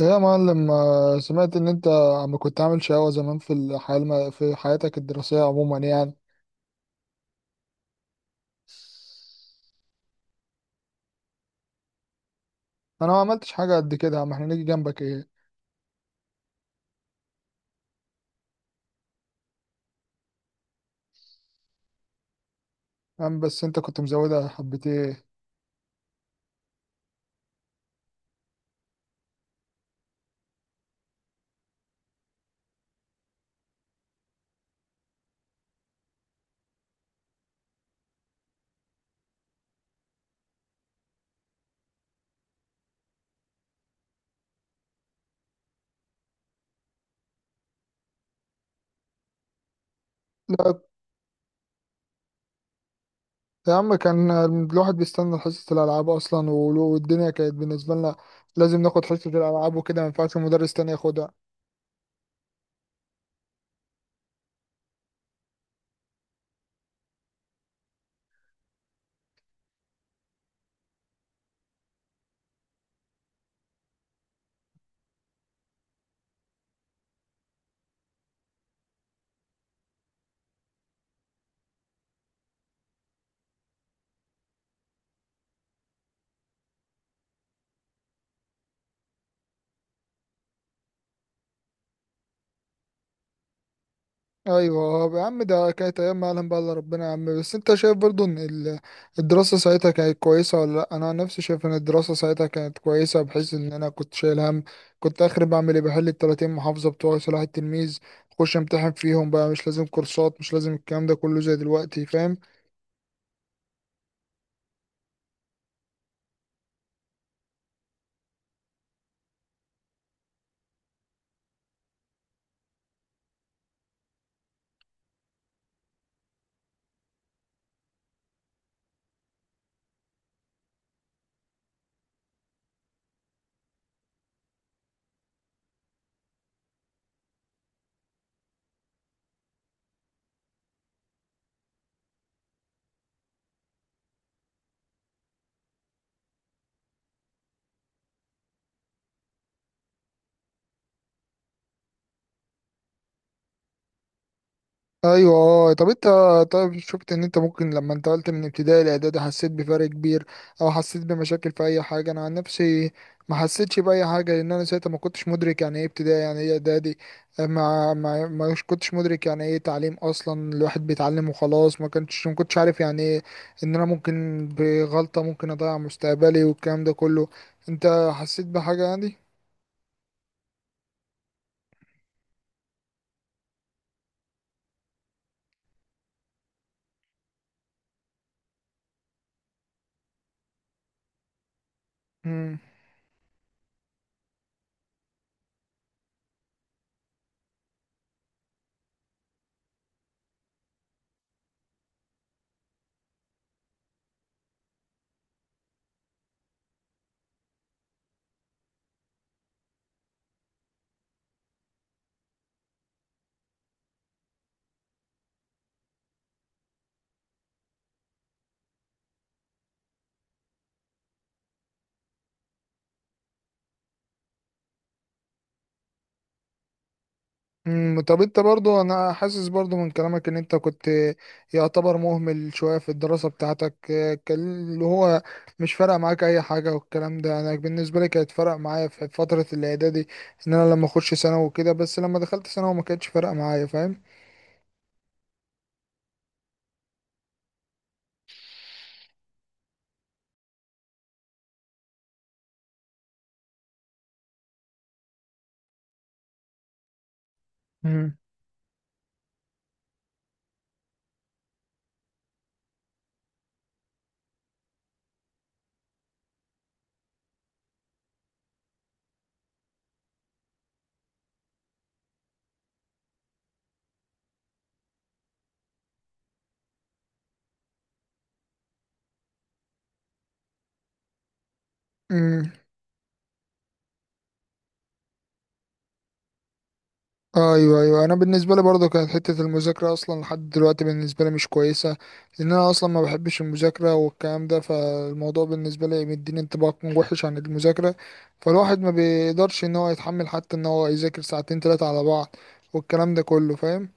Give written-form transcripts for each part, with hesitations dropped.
ايه يا معلم، سمعت ان انت عم كنت عامل شقاوة زمان في الحياة في حياتك الدراسية عموما يعني. انا ما عملتش حاجة قد كده يا عم، احنا نيجي جنبك ايه؟ يا عم بس انت كنت مزودها حبة ايه. لا يا عم، كان الواحد بيستنى حصة الالعاب اصلا، والدنيا كانت بالنسبة لنا لازم ناخد حصة الالعاب وكده، ما ينفعش المدرس تاني ياخدها. ايوه يا عم، ده كانت ايام ما يعلم بقى الا ربنا. يا عم، بس انت شايف برضو ان الدراسه ساعتها كانت كويسه ولا لا؟ انا عن نفسي شايف ان الدراسه ساعتها كانت كويسه، بحيث ان انا كنت شايل هم. كنت اخر بعمل ايه؟ بحل ال 30 محافظه بتوع صلاح التلميذ، اخش امتحن فيهم بقى. مش لازم كورسات، مش لازم الكلام ده كله زي دلوقتي، فاهم؟ ايوه اه. طب انت، طيب شفت ان انت ممكن لما انتقلت من ابتدائي لاعدادي حسيت بفرق كبير، او حسيت بمشاكل في اي حاجه؟ انا عن نفسي ما حسيتش باي حاجه، لان انا ساعتها ما كنتش مدرك يعني ايه ابتدائي يعني ايه اعدادي. ما كنتش مدرك يعني ايه تعليم اصلا، الواحد بيتعلم وخلاص، ما كنتش عارف يعني ايه ان انا ممكن بغلطه ممكن اضيع مستقبلي والكلام ده كله. انت حسيت بحاجه يعني؟ مم. طب انت برضو، انا حاسس برضو من كلامك ان انت كنت يعتبر مهمل شوية في الدراسة بتاعتك. كان اللي هو مش فارق معاك اي حاجة والكلام ده. انا بالنسبة لي كانت فارق معايا في فترة الاعدادي ان انا لما اخش ثانوي وكده، بس لما دخلت ثانوي ما كانتش فارقة معايا، فاهم؟ مم. مم، ايوه ايوه. انا بالنسبه لي برضو كانت حته المذاكره اصلا لحد دلوقتي بالنسبه لي مش كويسه، لان انا اصلا ما بحبش المذاكره والكلام ده، فالموضوع بالنسبه لي مديني انطباع وحش عن المذاكره، فالواحد ما بيقدرش ان هو يتحمل حتى ان هو يذاكر ساعتين ثلاثه على بعض والكلام ده كله، فاهم؟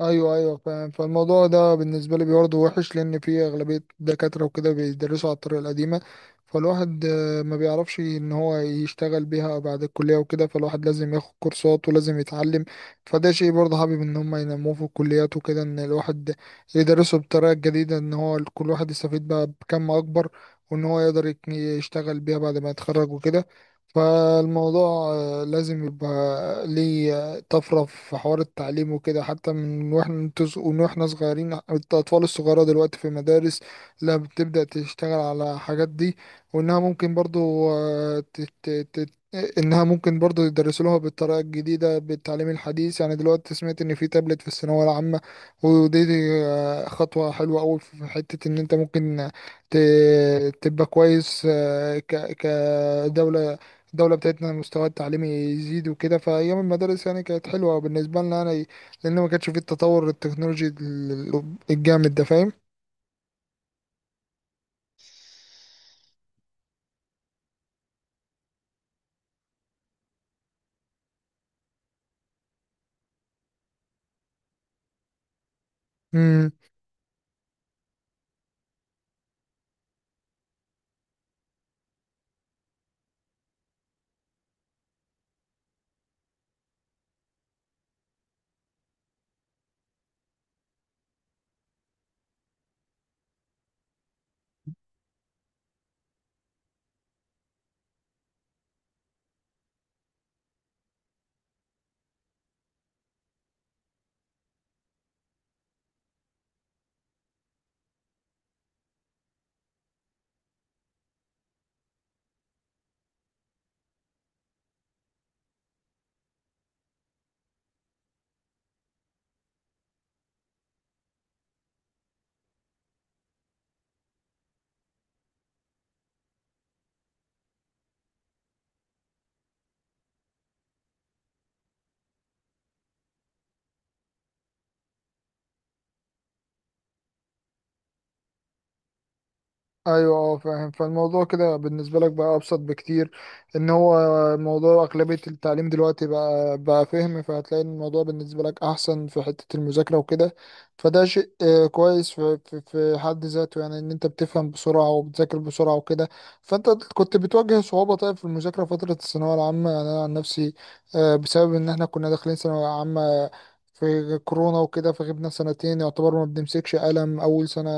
ايوه ايوه فاهم. فالموضوع ده بالنسبه لي برضه وحش، لان في اغلبيه دكاتره وكده بيدرسوا على الطريقه القديمه، فالواحد ما بيعرفش ان هو يشتغل بيها بعد الكليه وكده، فالواحد لازم ياخد كورسات ولازم يتعلم. فده شيء برضه حابب ان هم ينموه في الكليات وكده، ان الواحد يدرسه بطريقه جديده، ان هو كل واحد يستفيد بقى بكم اكبر، وان هو يقدر يشتغل بيها بعد ما يتخرج وكده. فالموضوع لازم يبقى ليه طفرة في حوار التعليم وكده، حتى من واحنا انتوا من واحنا صغيرين. الأطفال الصغيرة دلوقتي في المدارس لا، بتبدأ تشتغل على حاجات دي، وإنها ممكن برضو إنها ممكن برضو يدرسوا لها بالطريقة الجديدة بالتعليم الحديث. يعني دلوقتي سمعت إن في تابلت في الثانوية العامة، ودي، خطوة حلوة أوي في حتة إن أنت ممكن تبقى كويس كدولة. الدولة بتاعتنا المستوى التعليمي يزيد وكده. فأيام المدارس يعني كانت حلوة بالنسبة لنا يعني، لأن ما كانش فيه التطور التكنولوجي الجامد ده، فاهم؟ ايوه اه فاهم. فالموضوع كده بالنسبه لك بقى ابسط بكتير، ان هو موضوع اغلبيه التعليم دلوقتي بقى فهم، فهتلاقي ان الموضوع بالنسبه لك احسن في حته المذاكره وكده. فده شيء كويس في حد ذاته، يعني ان انت بتفهم بسرعه وبتذاكر بسرعه وكده. فانت كنت بتواجه صعوبه طيب في المذاكره فتره الثانويه العامه؟ يعني انا عن نفسي بسبب ان احنا كنا داخلين ثانويه عامه في كورونا وكده، فغبنا سنتين يعتبر ما بنمسكش قلم اول سنه.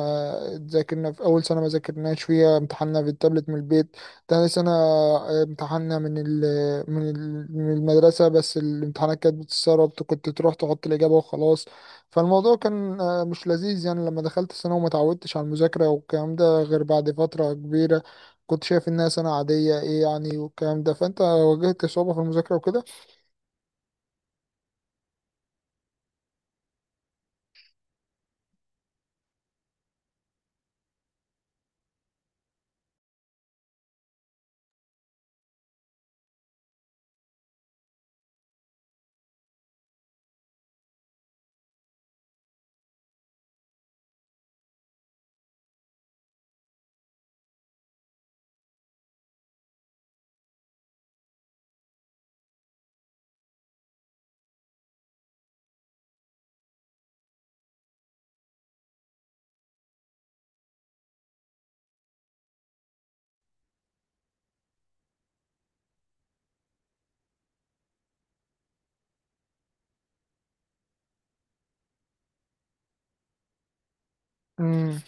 ذاكرنا في اول سنه ما ذاكرناش فيها، امتحاننا في التابلت من البيت. تاني سنه امتحاننا من المدرسه، بس الامتحانات كانت بتتسرب، كنت تروح تحط الاجابه وخلاص. فالموضوع كان مش لذيذ، يعني لما دخلت السنه وما اتعودتش على المذاكره والكلام ده غير بعد فتره كبيره كنت شايف انها سنه عاديه، ايه يعني والكلام ده، فانت واجهت صعوبه في المذاكره وكده.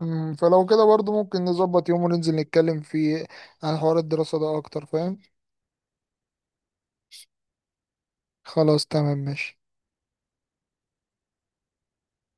مم، فلو كده برضو ممكن نظبط يوم وننزل نتكلم فيه عن حوار الدراسة ده أكتر، فاهم؟ خلاص تمام ماشي.